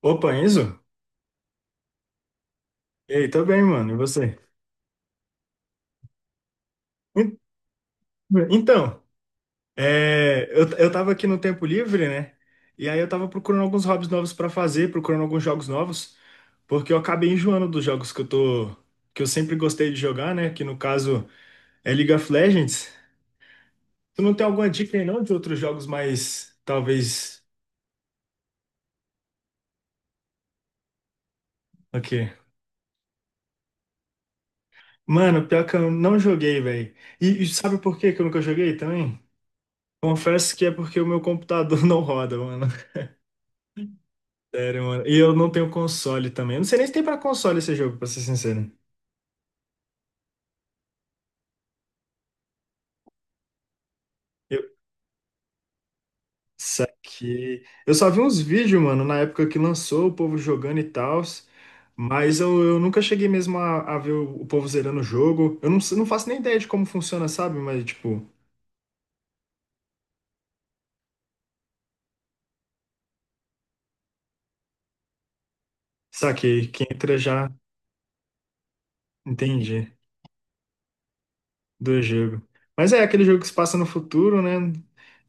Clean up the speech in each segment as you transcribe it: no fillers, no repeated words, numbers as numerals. Opa, Enzo? E aí, tô bem, mano. E você? En- Então, eu tava aqui no tempo livre, né? E aí eu tava procurando alguns hobbies novos pra fazer, procurando alguns jogos novos, porque eu acabei enjoando dos jogos que eu sempre gostei de jogar, né? Que no caso é League of Legends. Tu não tem alguma dica aí não de outros jogos mais, talvez, o quê? Mano, pior que eu não joguei, velho. E sabe por que que eu nunca joguei também? Confesso que é porque o meu computador não roda, mano. Sério, mano. E eu não tenho console também. Eu não sei nem se tem pra console esse jogo, pra ser sincero. Eu saquei. Eu só vi uns vídeos, mano, na época que lançou, o povo jogando e tal. Mas eu nunca cheguei mesmo a ver o povo zerando o jogo. Eu não, s- Não faço nem ideia de como funciona, sabe? Mas, tipo, saquei. Quem entra já entende do jogo. Mas é aquele jogo que se passa no futuro, né?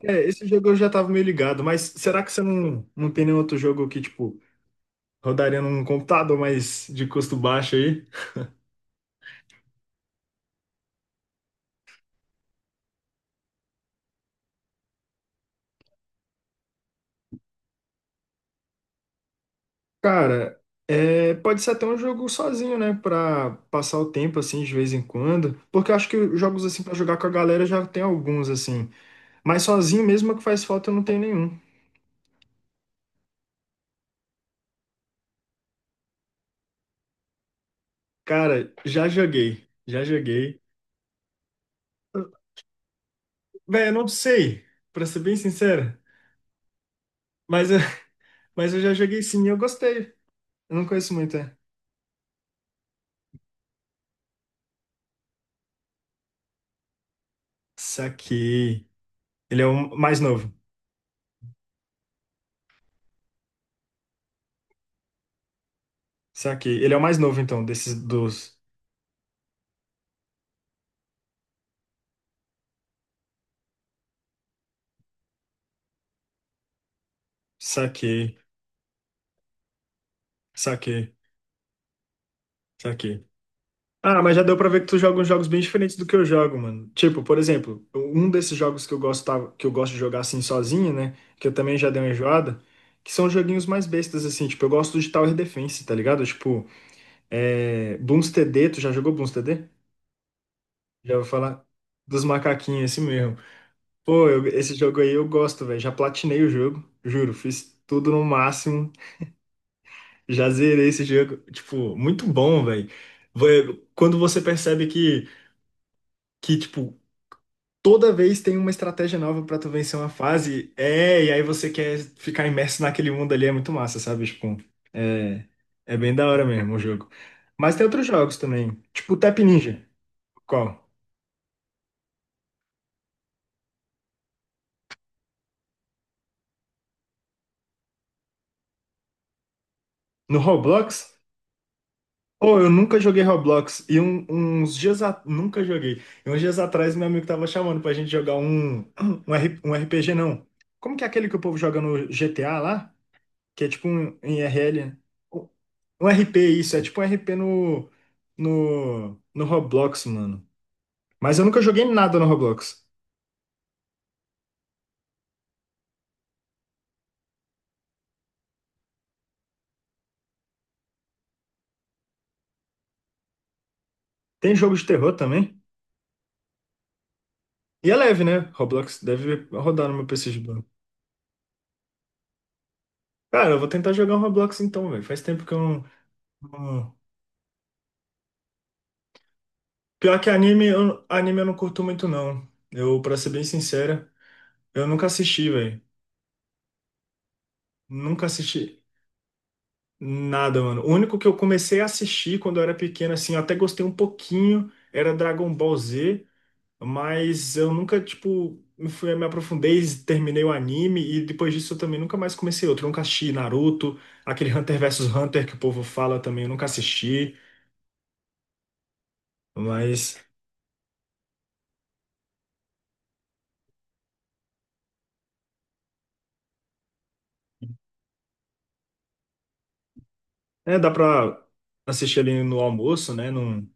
É, esse jogo eu já tava meio ligado. Mas será que você não tem nenhum outro jogo que, tipo, rodaria num computador mais de custo baixo aí. Cara, é, pode ser até um jogo sozinho, né? Pra passar o tempo, assim, de vez em quando. Porque eu acho que jogos, assim, pra jogar com a galera já tem alguns, assim. Mas sozinho mesmo é que faz falta, eu não tenho nenhum. Cara, já joguei. Já joguei. Véi, eu não sei, pra ser bem sincero. Mas, mas eu já joguei sim e eu gostei. Eu não conheço muito, é. Saquei. Ele é o mais novo. Saquei. Ele é o mais novo, então, desses dos. Saquei. Saquei, saquei. Ah, mas já deu pra ver que tu joga uns jogos bem diferentes do que eu jogo, mano. Tipo, por exemplo, um desses jogos que eu gosto de jogar assim sozinho, né? Que eu também já dei uma enjoada, que são joguinhos mais bestas, assim. Tipo, eu gosto de Tower Defense, tá ligado? Tipo, é, Bloons TD, tu já jogou Bloons TD? Já vou falar dos macaquinhos, esse mesmo. Pô, esse jogo aí eu gosto, velho. Já platinei o jogo, juro. Fiz tudo no máximo. Já zerei esse jogo. Tipo, muito bom, velho. Vai- Quando você percebe que, toda vez tem uma estratégia nova pra tu vencer uma fase. É, e aí você quer ficar imerso naquele mundo ali, é muito massa, sabe? Tipo, é, é bem da hora mesmo o jogo. Mas tem outros jogos também, tipo o Tap Ninja. Qual? No Roblox? Pô, eu nunca joguei Roblox. Nunca joguei. E uns dias atrás meu amigo tava chamando pra gente jogar um RPG, não. Como que é aquele que o povo joga no GTA lá? Que é tipo um IRL. Um RP, isso. É tipo um RP no Roblox, mano. Mas eu nunca joguei nada no Roblox. Tem jogo de terror também? E é leve, né? Roblox deve rodar no meu PC de boa. Cara, eu vou tentar jogar um Roblox então, velho. Faz tempo que eu não, não- Pior que anime, anime eu não curto muito, não. Eu, pra ser bem sincera, eu nunca assisti, velho. Nunca assisti nada, mano. O único que eu comecei a assistir quando eu era pequeno, assim, eu até gostei um pouquinho, era Dragon Ball Z. Mas eu nunca, tipo, me aprofundei, terminei o anime e depois disso eu também nunca mais comecei outro. Eu nunca assisti Naruto, aquele Hunter vs Hunter que o povo fala também, eu nunca assisti. Mas, é, dá pra assistir ali no almoço, né? Não,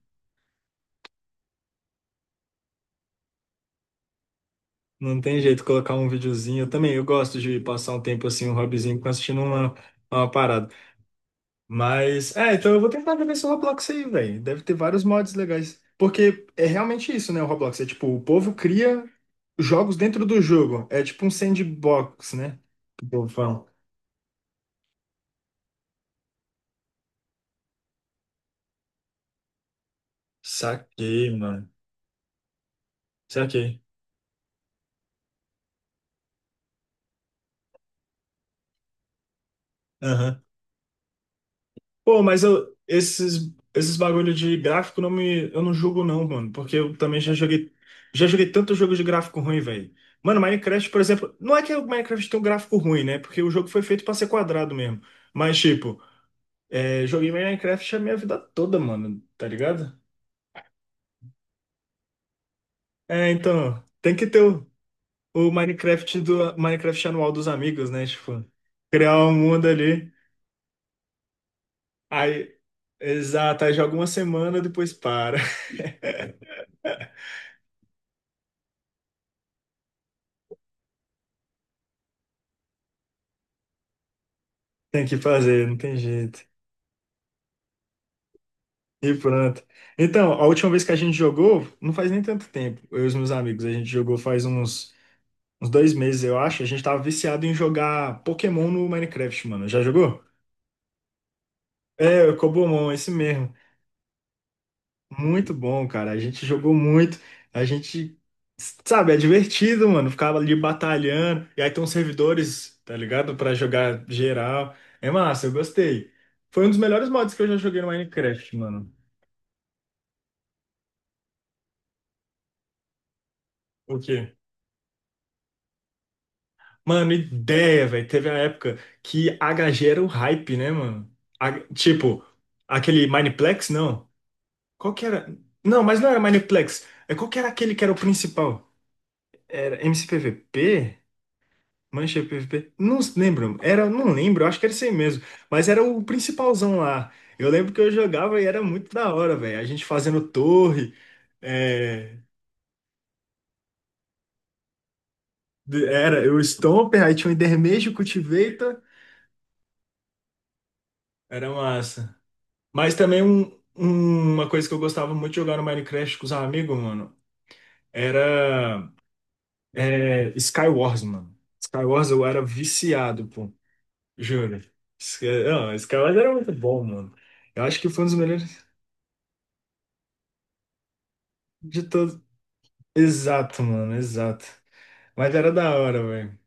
não tem jeito colocar um videozinho. Eu também, eu gosto de passar um tempo assim, um hobbyzinho, assistindo uma parada. Mas, é, então eu vou tentar ver esse Roblox aí, velho. Deve ter vários mods legais. Porque é realmente isso, né, o Roblox? É tipo, o povo cria jogos dentro do jogo. É tipo um sandbox, né? Que o povo fala. Saquei, mano. Saquei. Aham. Pô, mas eu, esses bagulho de gráfico não me, eu não julgo não, mano. Porque eu também já joguei tanto jogo de gráfico ruim, velho. Mano, Minecraft, por exemplo, não é que o Minecraft tem um gráfico ruim, né? Porque o jogo foi feito pra ser quadrado mesmo. Mas, tipo, é, joguei Minecraft a minha vida toda, mano, tá ligado? É, então, tem que ter o Minecraft do Minecraft anual dos amigos, né? Tipo, criar um mundo ali. Aí, exato, aí joga uma semana, depois para. Tem que fazer, não tem jeito. E pronto. Então, a última vez que a gente jogou, não faz nem tanto tempo, eu e os meus amigos, a gente jogou faz uns 2 meses, eu acho. A gente tava viciado em jogar Pokémon no Minecraft, mano. Já jogou? É, o Cobomon, esse mesmo. Muito bom, cara. A gente jogou muito. A gente, sabe, é divertido, mano. Ficava ali batalhando. E aí tem uns servidores, tá ligado? Pra jogar geral. É massa, eu gostei. Foi um dos melhores mods que eu já joguei no Minecraft, mano. O quê? Mano, ideia, velho. Teve a época que HG era o hype, né, mano? A- tipo, Aquele Mineplex, não. Qual que era? Não, mas não era Mineplex. É, qual que era aquele que era o principal? Era MCPVP? Mancha PVP? Não lembro. Era, não lembro, acho que era isso aí mesmo. Mas era o principalzão lá. Eu lembro que eu jogava e era muito da hora, velho. A gente fazendo torre. É, era o Stomper, aí tinha o Endermage, o Cultivator. Era massa. Mas também uma coisa que eu gostava muito de jogar no Minecraft com os amigos, mano, era Skywars, mano. Skywars eu era viciado, pô. Juro. Não, Skywars era muito bom, mano. Eu acho que foi um dos melhores. De todos. Exato, mano, exato. Mas era da hora, velho.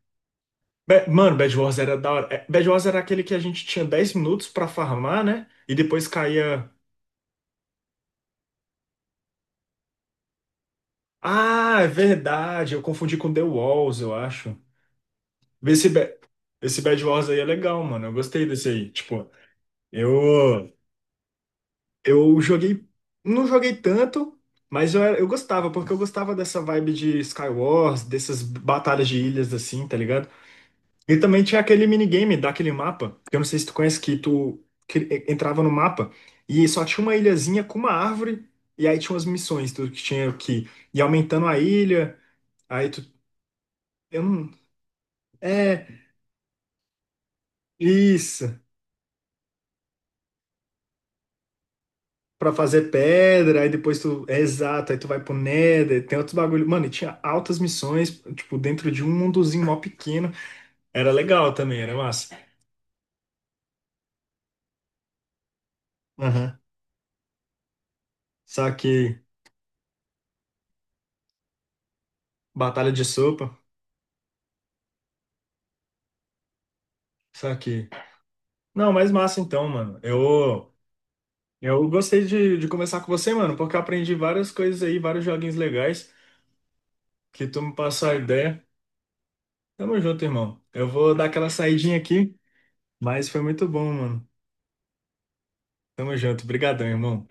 Mano, Bad Wars era da hora. É, Bad Wars era aquele que a gente tinha 10 minutos pra farmar, né? E depois caía. Ah, é verdade. Eu confundi com The Walls, eu acho. Esse, Ba- Esse Bad Wars aí é legal, mano. Eu gostei desse aí. Tipo, eu, eu joguei. Não joguei tanto, mas eu gostava, porque eu gostava dessa vibe de Skywars, dessas batalhas de ilhas assim, tá ligado? E também tinha aquele minigame daquele mapa, que eu não sei se tu conhece, que tu que entrava no mapa e só tinha uma ilhazinha com uma árvore, e aí tinha umas missões, tu que tinha que ir aumentando a ilha, aí tu. Eu não. É, isso. Pra fazer pedra, aí depois tu. É exato, aí tu vai pro Nether, tem outros bagulho. Mano, e tinha altas missões, tipo, dentro de um mundozinho mó pequeno. Era legal também, era massa. Aham. Só que. Batalha de sopa, só que. Não, mas massa então, mano. Eu. Eu gostei de conversar com você, mano, porque eu aprendi várias coisas aí, vários joguinhos legais, que tu me passou a ideia. Tamo junto, irmão. Eu vou dar aquela saidinha aqui, mas foi muito bom, mano. Tamo junto. Obrigadão, irmão.